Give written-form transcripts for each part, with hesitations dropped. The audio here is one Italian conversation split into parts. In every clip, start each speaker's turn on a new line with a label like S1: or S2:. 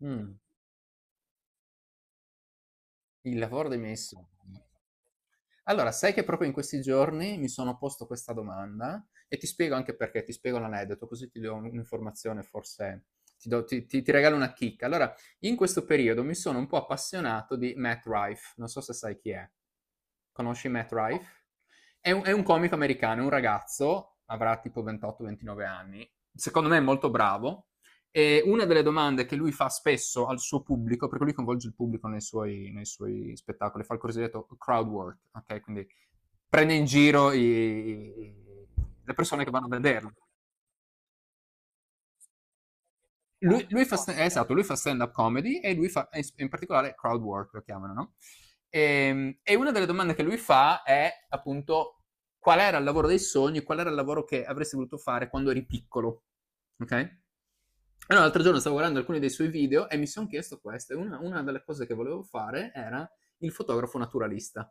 S1: Mh, il lavoro dei miei sogni. Allora, sai che proprio in questi giorni mi sono posto questa domanda e ti spiego anche perché, ti spiego l'aneddoto, così ti do un'informazione, forse ti do ti ti ti regalo una chicca. Allora, in questo periodo mi sono un po' appassionato di Matt Rife, non so se sai chi è. Conosci Matt, no, Rife? È un comico americano, è un ragazzo, avrà tipo 28, 29 anni, secondo me è molto bravo. E una delle domande che lui fa spesso al suo pubblico, perché lui coinvolge il pubblico nei suoi spettacoli, fa il cosiddetto crowd work, ok? Quindi prende in giro le persone che vanno a vederlo. Esatto, lui fa stand-up comedy e in particolare crowd work lo chiamano, no? E una delle domande che lui fa è appunto qual era il lavoro dei sogni, qual era il lavoro che avresti voluto fare quando eri piccolo, ok? Allora, l'altro giorno stavo guardando alcuni dei suoi video e mi sono chiesto questo, e una delle cose che volevo fare era il fotografo naturalista.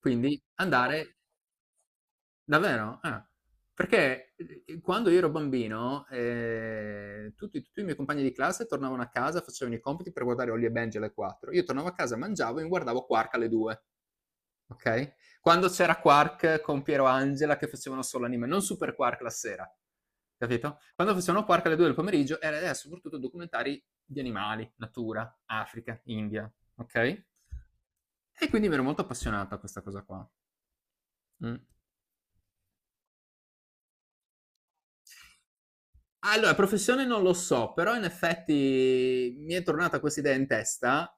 S1: Quindi andare davvero. Ah. Perché quando io ero bambino, tutti i miei compagni di classe tornavano a casa, facevano i compiti per guardare Holly e Benji alle 4. Io tornavo a casa, mangiavo e mi guardavo Quark alle 2. Okay? Quando c'era Quark con Piero Angela che facevano solo anime, non Super Quark la sera, capito? Quando facevano Quark alle 2 del pomeriggio era soprattutto documentari di animali, natura, Africa, India, ok? E quindi mi ero molto appassionato a questa cosa qua. Mm. Allora, professione non lo so, però in effetti mi è tornata questa idea in testa.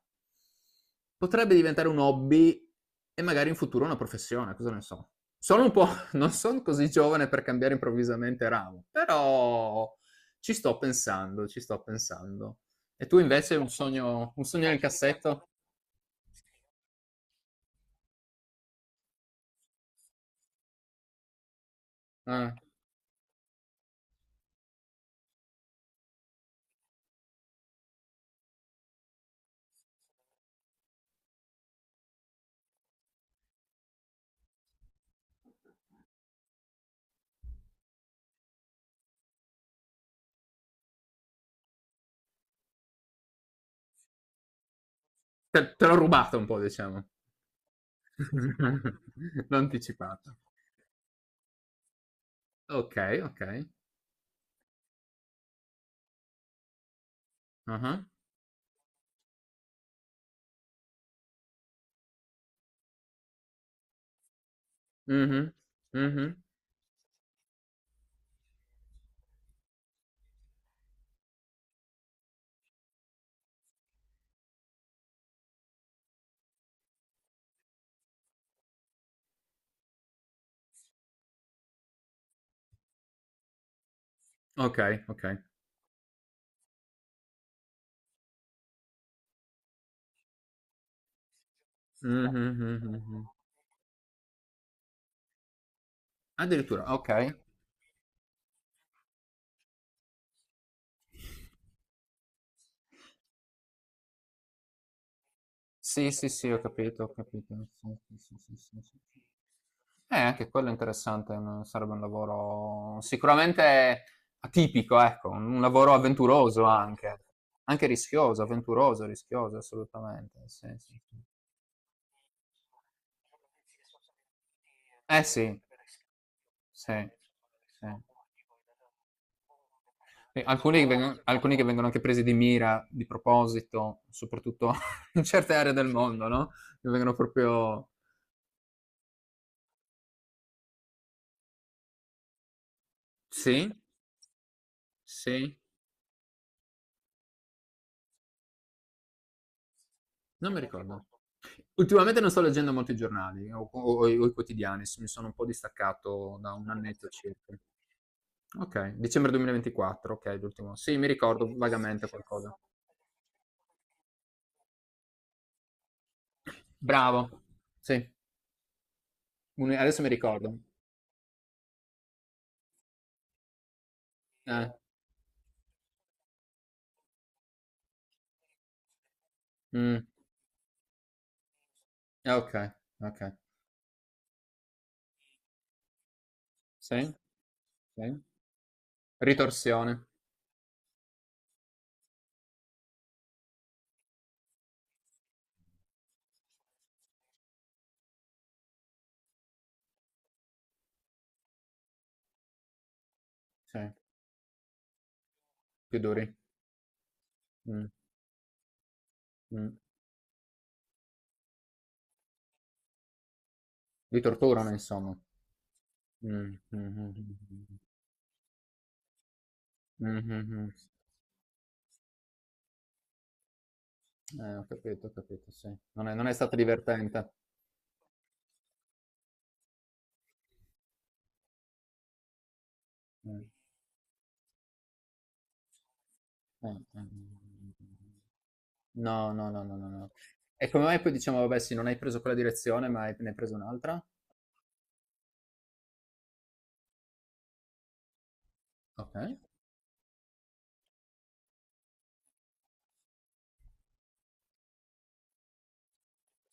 S1: Potrebbe diventare un hobby e magari in futuro una professione, cosa ne so. Sono un po', non sono così giovane per cambiare improvvisamente ramo, però ci sto pensando, ci sto pensando. E tu invece un sogno, nel cassetto? Ah, te, te l'ho rubato un po', diciamo. L'ho anticipato. Ok, ok. Ah, mhm, mhm. Okay, okay. Mh-mh, mh. Addirittura, okay. Sì, sì, sì, ho capito, ho capito. Sì, sì, sì, sì, sì, sì. Anche quello è interessante, un sarebbe un lavoro sicuramente atipico, ecco, un lavoro avventuroso anche. Anche rischioso, avventuroso, rischioso, assolutamente. Sì, sì, sì. Eh sì, sì, sì. E alcuni che vengono anche presi di mira, di proposito, soprattutto in certe aree del mondo, no? Che vengono proprio. Sì, sì, non mi ricordo. Ultimamente non sto leggendo molti giornali o i quotidiani, mi sono un po' distaccato da un annetto circa. Ok, dicembre 2024, ok, l'ultimo. Sì, mi ricordo vagamente qualcosa. Bravo. Sì, adesso mi ricordo. Eh, mm, ok, ok. Sì, sì. Ritorsione. Sì, più duri. Mm, mm. Li torturano, insomma. Mm, mm, mm, mm, mm, mm, mm. Mm. Ho capito, sì. Non è stata divertente. Mm, eh. Mm, mm, mm. No, no, no, no, no, no. E come mai poi diciamo, vabbè, sì, non hai preso quella direzione, ma ne hai preso un'altra? Ok.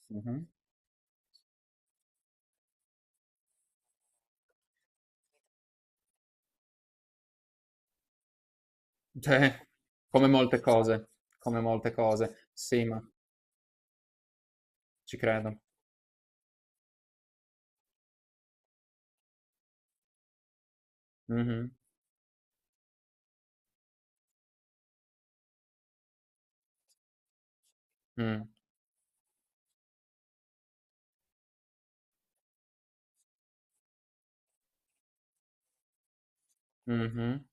S1: Mhm. Cioè, come molte cose, come molte cose. Sì, ma ci credo. Mhm, mm, mhm.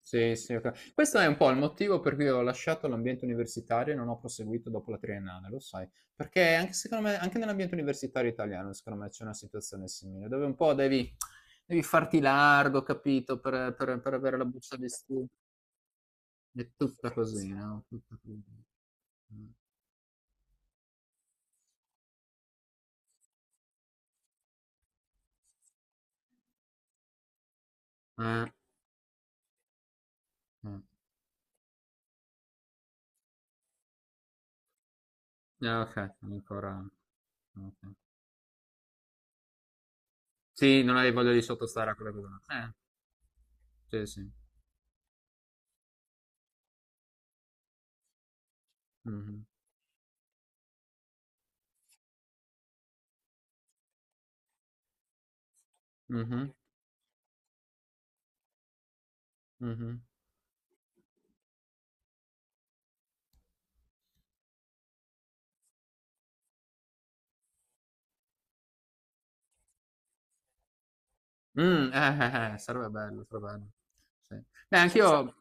S1: Sì, sì, ok. Questo è un po' il motivo per cui ho lasciato l'ambiente universitario e non ho proseguito dopo la triennale, lo sai. Perché anche, secondo me, anche nell'ambiente universitario italiano, secondo me, c'è una situazione simile, dove un po' devi, farti largo, capito, per avere la buccia di studio. È tutta così, no? Tutta così. Mm. Eh, eh. Ok, ancora. Ok. Sì, non avevi voglia di sottostare a quella cosa là. Sì, sì. Mh-mh. Mh-mh. Mh-mh. Sarebbe bello, sarebbe bello. Sì. Beh, anch'io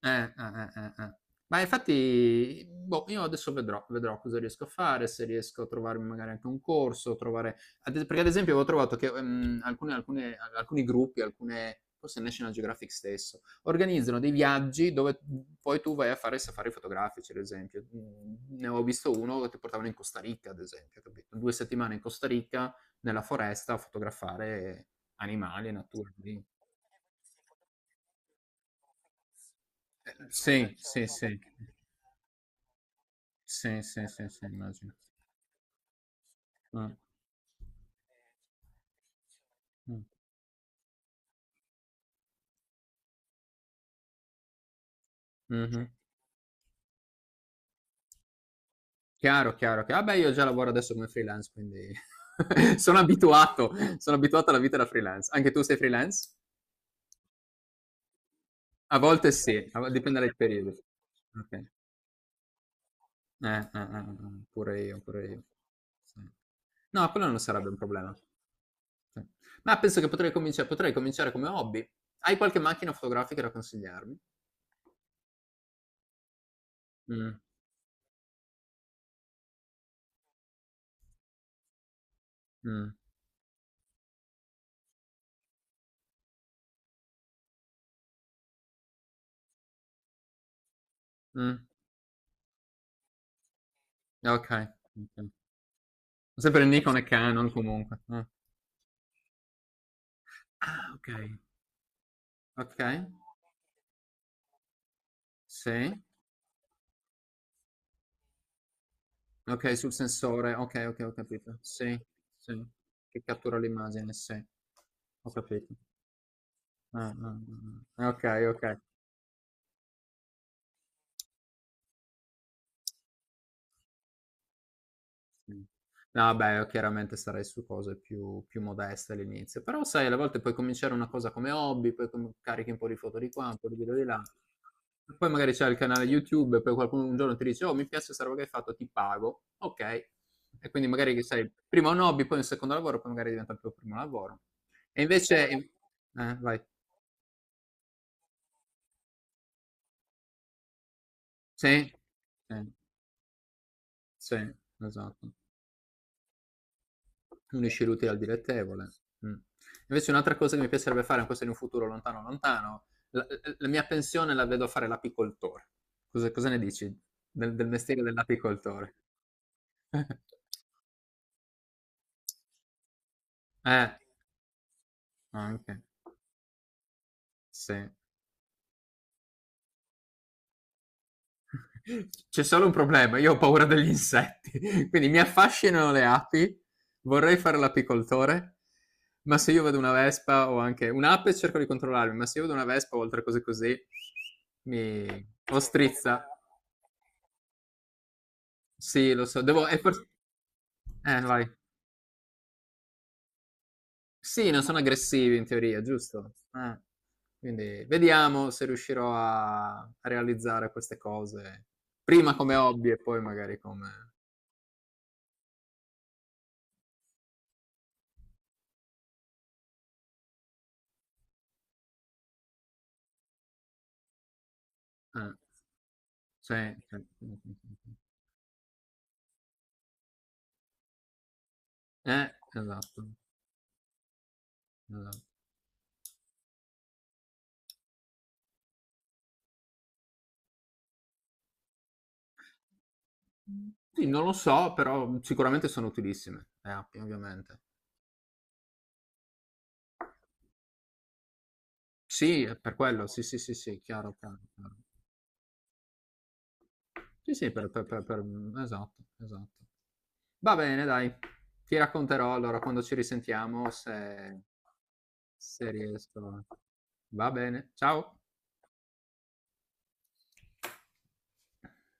S1: eh, eh, eh, eh, eh. Ma infatti, boh, io adesso vedrò cosa riesco a fare, se riesco a trovarmi magari anche un corso, trovare ad es perché ad esempio avevo trovato che, alcune alcune al alcuni gruppi, alcune forse National Geographic stesso, organizzano dei viaggi dove, poi tu vai a fare safari fotografici, ad esempio. Mhmm, ne avevo visto uno che ti portavano in Costa Rica, ad esempio, capito? 2 settimane in Costa Rica, nella foresta, a fotografare animali, natura, sì. Sì, sì, sì. Sì, sì, sì, sì, immagino. Mh, mh, mh-mh. Chiaro, chiaro, chia vabbè, io già lavoro adesso come freelance, quindi sono abituato, sono abituato alla vita da freelance. Anche tu sei freelance? A volte sì, a vo dipende dai periodi. Okay. Eh, pure io, pure io. Sì. No, quello non sarebbe un problema. Sì. Ma penso che potrei cominciare come hobby. Hai qualche macchina fotografica da consigliarmi? Mh. Mh, mh, okay, okay. Sempre Nikon e Canon comunque. Mh. Ah, okay, okay, sì. Okay, sul sensore. Okay, okay, ho capito. Sì, sì, che cattura l'immagine, sì. Ho capito. Ah, ah, ah, ah. Okay, okay. Mh. No, beh, io chiaramente sarei su cose più modeste all'inizio, però sai alle volte puoi cominciare una cosa come hobby, poi com carichi un po' di foto di qua, un po' di video di là, e poi magari c'hai il canale YouTube e poi qualcuno un giorno ti dice: "Oh, mi piace 'sta roba che hai fatto, ti pago". Okay. E quindi magari che sai, prima un hobby, poi un secondo lavoro, poi magari diventa il tuo primo lavoro. E invece vai. Sì, sì, sì, esatto. Unisci l'utile al dilettevole. Mh. Invece un'altra cosa che mi piacerebbe fare, ma questo in un futuro lontano, lontano, la mia pensione la vedo a fare l'apicoltore. Cosa ne dici del mestiere dell'apicoltore? Eh, anche. Sì. C'è solo un problema, io ho paura degli insetti, quindi mi affascinano le api, vorrei fare l'apicoltore, ma se io vedo una vespa o anche un'ape cerco di controllarmi, ma se io vedo una vespa o altre cose così, mi o strizza. Sì, lo so, devo, e forse. Vai. Sì, non sono aggressivi in teoria, giusto? Quindi vediamo se riuscirò a realizzare queste cose, prima come hobby e poi magari come. eh. Cioè, esatto, esatto. Sì, non lo so, però sicuramente sono utilissime le app, ovviamente. Sì, è per quello, sì, sì, sì, sì, chiaro, chiaro, chiaro. Sì, sì, esatto, esatto. Va bene, dai, ti racconterò allora quando ci risentiamo se riesco. Va bene, ciao.